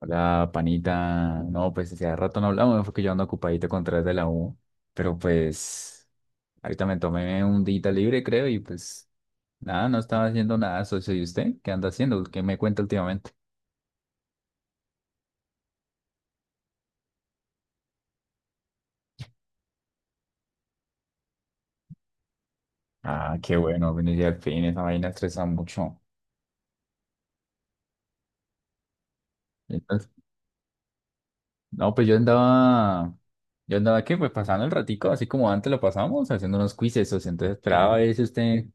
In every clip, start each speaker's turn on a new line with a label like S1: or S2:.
S1: Hola, panita. No, pues hace rato no hablamos, fue que yo ando ocupadito con tres de la U, pero pues ahorita me tomé un día libre, creo, y pues nada, no estaba haciendo nada, socio. ¿Y usted qué anda haciendo? ¿Qué me cuenta últimamente? Ah, qué bueno, venir al fin, esa vaina estresa mucho. Entonces, no, pues yo andaba, ¿qué? Pues pasando el ratico, así como antes lo pasamos, haciendo unos quizzes, socio. Entonces esperaba a ver si usted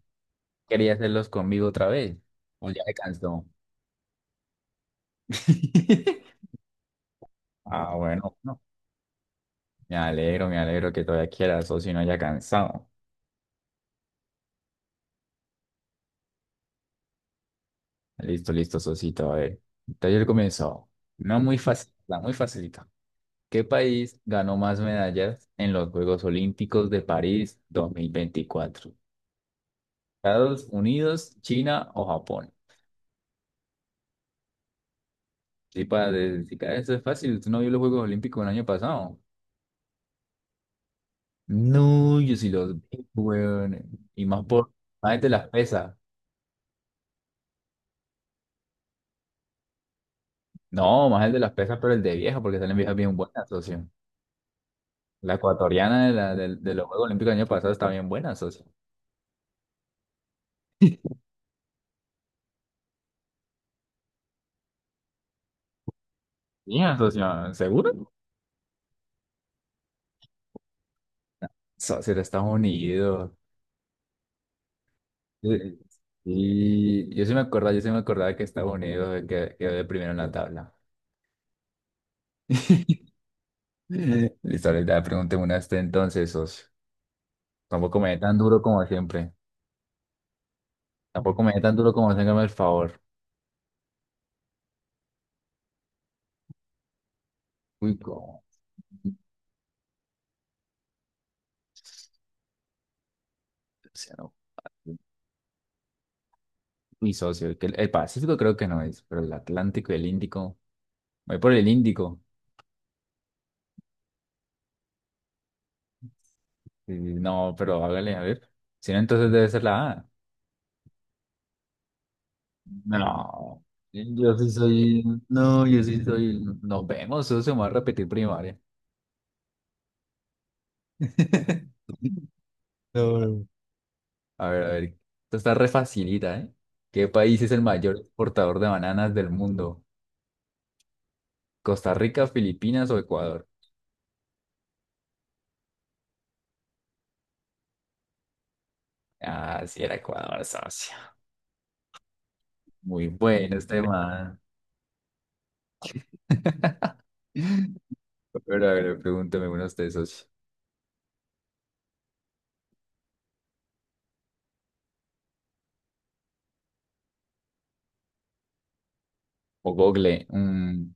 S1: quería hacerlos conmigo otra vez, o ya se cansó. Ah, bueno. Me alegro que todavía quiera, socio, y no haya cansado. Listo, listo, socito. A ver, entonces él comenzó. No muy fácil, la muy facilita. ¿Qué país ganó más medallas en los Juegos Olímpicos de París 2024? ¿Estados Unidos, China o Japón? Sí, para decir, que eso es fácil. ¿Usted no vio los Juegos Olímpicos el año pasado? No, yo sí los vi, weón. Y más por, más el de las pesas. No, más el de las pesas, pero el de vieja, porque salen viejas bien buenas, socio. La ecuatoriana de, la, de los Juegos Olímpicos del año pasado está bien buena, socio. Bien, socio, ¿seguro? Socio, de Estados Unidos. Y y yo sí me acordaba que Estados Unidos quedó de primero en la tabla. Listo, ahorita pregúnteme una a usted entonces, socio. Tampoco me dé tan duro como siempre. Tampoco me dé tan duro como hágame el favor. Uy, cómo. O no. Uy, socio, que el Pacífico creo que no es, pero el Atlántico y el Índico. Voy por el Índico. Sí, no, pero hágale, a ver. Si no, entonces debe ser la A. No, yo sí soy, nos vemos, eso se me va a repetir primaria. No, no. A ver, esto está re facilita, ¿eh? ¿Qué país es el mayor exportador de bananas del mundo? ¿Costa Rica, Filipinas o Ecuador? Ah, sí era Ecuador, socio. Muy bueno este man. Pero a ver, pregúnteme uno de ustedes, socio. O Google. Mm.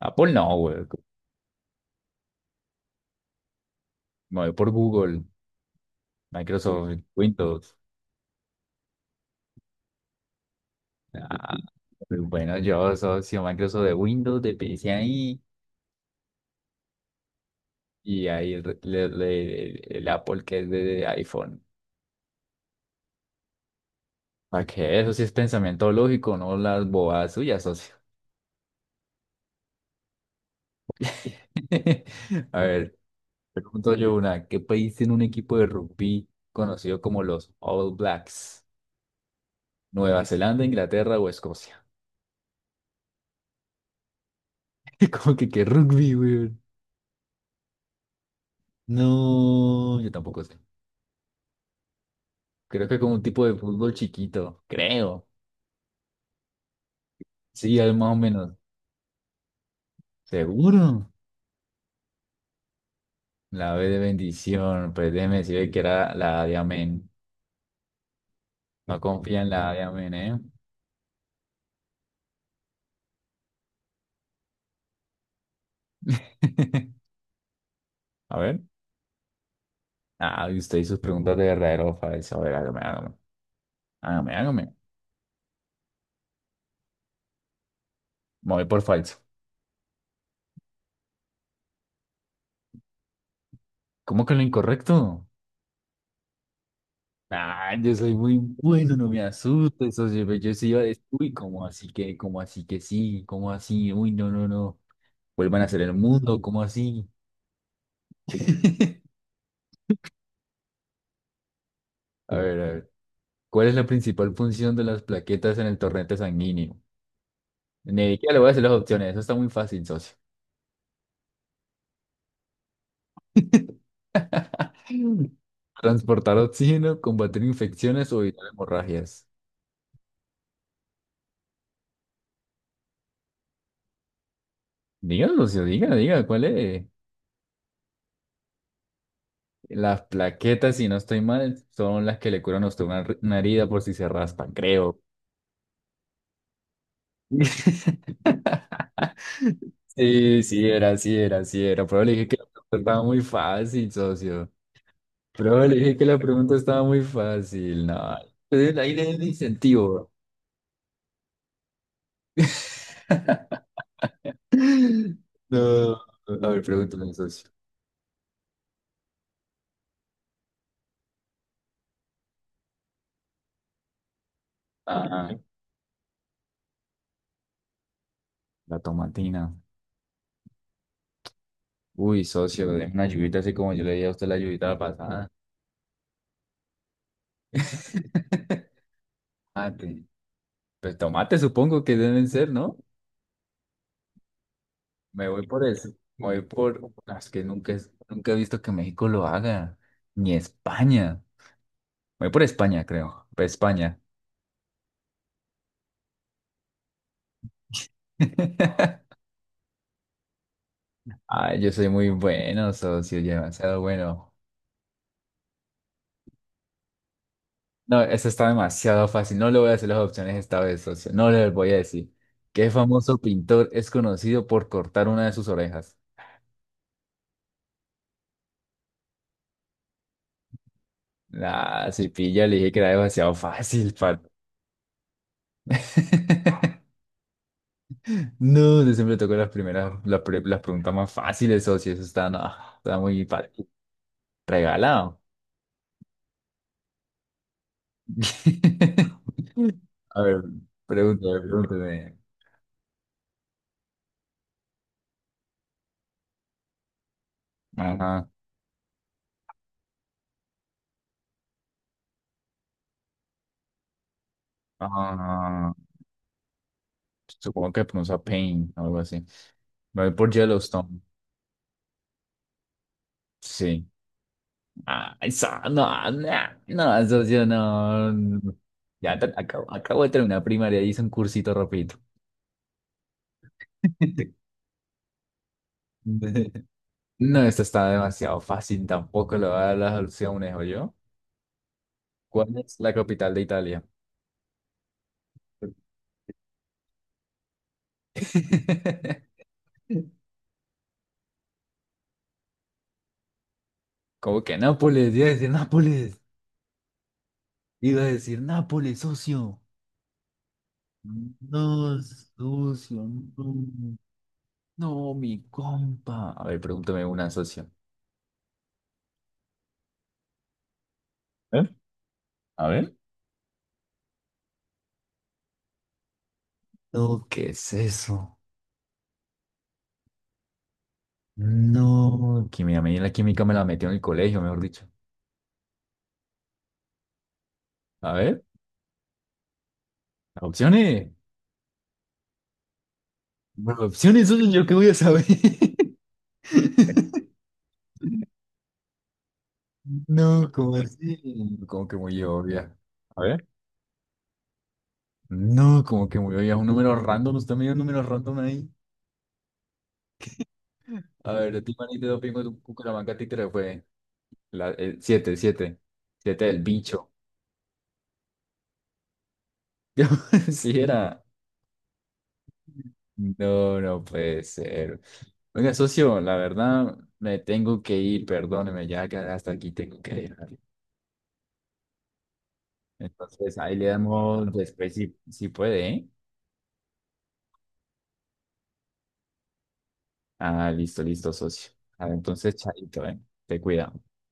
S1: Apple no, güey. Me voy por Google, Microsoft, Windows. Ah, pues bueno, yo socio Microsoft de Windows, de PC ahí, y ahí el, el Apple que es de iPhone. ¿Para qué? Eso sí es pensamiento lógico, no las bobadas suyas, socio. A ver, pregunto yo una, ¿qué país tiene un equipo de rugby conocido como los All Blacks? ¿Nueva Zelanda, Inglaterra o Escocia? ¿Cómo que qué rugby, weón? No, yo tampoco sé. Creo que como un tipo de fútbol chiquito, creo. Sí, algo más o menos. ¿Seguro? La B de bendición, pues déjeme decirle que era la A de amén. No confía en la A de amén, ¿eh? A ver. Ah, y usted y sus preguntas de verdadero o falso. A ver, hágame, hágame. Hágame, hágame. Me voy por falso. ¿Cómo que lo incorrecto? Ah, yo soy muy bueno, no me asustes, socio. Pero yo sí iba a decir, uy, cómo así que sí? ¿Cómo así? Uy, no, no, no. Vuelvan a hacer el mundo, ¿cómo así? A ver, a ver. ¿Cuál es la principal función de las plaquetas en el torrente sanguíneo? Ni siquiera le voy a decir las opciones, eso está muy fácil, socio. Transportar oxígeno, combatir infecciones o evitar hemorragias. Diga, socio, diga, diga, ¿cuál es? Las plaquetas, si no estoy mal, son las que le curan a usted una, una herida por si se raspa, creo. Sí, sí era, sí era, sí era. Pero le dije que la pregunta estaba muy fácil, socio. Pero bueno, le dije que la pregunta estaba muy fácil. No, entonces, ahí le di el incentivo. Bro. No. A ver, pregúntale, socio. Ah, la tomatina. Uy, socio, es una lluvita así como yo le dije a usted la lluvita pasada. Tomate. Pues tomate supongo que deben ser, ¿no? Me voy por eso. Me voy por... Ah, es que nunca, nunca he visto que México lo haga. Ni España. Me voy por España, creo. Por España. Ay, yo soy muy bueno, socio. Demasiado bueno. No, eso está demasiado fácil. No le voy a hacer las opciones esta vez, socio. No le voy a decir. ¿Qué famoso pintor es conocido por cortar una de sus orejas? La si pilla, le dije que era demasiado fácil, par. No, yo siempre toco las primeras, las, las preguntas más fáciles, socio. Eso está, no, está muy regalado. A ver, pregúntame, pregúntame. Ajá. Ah, supongo que pronuncia Pain o algo así. Me voy por Yellowstone. Sí. Ah, esa, no, no, no, socio, no. Acabo de terminar primaria, y hice un cursito rapidito. No, esto está demasiado fácil, tampoco le voy a dar las opciones, yo. ¿Cuál es la capital de Italia? ¿Cómo que Nápoles? Iba a decir Nápoles. Iba a decir Nápoles, socio. No, socio, no. No, mi compa. A ver, pregúntame una, socio. ¿Eh? A ver. No, ¿qué es eso? No, que mira, a mí la química me la metió en el colegio, mejor dicho. A ver, opciones. Bueno, opciones, eso yo qué voy a saber. No, como así, como que muy obvia. A ver. No, como que muy obvia, un número random, usted me dio un número random ahí. A ver, de ti, manito, de pingo, tu Cucaramanga, títere, fue la, el 7, 7, 7 del bicho. Sí, era. No, no puede ser. Oiga, socio, la verdad me tengo que ir, perdóneme, ya que hasta aquí tengo que dejar. Entonces, ahí le damos después si puede, ¿eh? Ah, listo, listo, socio. Ah, entonces, chaito, ¿eh? Te cuida.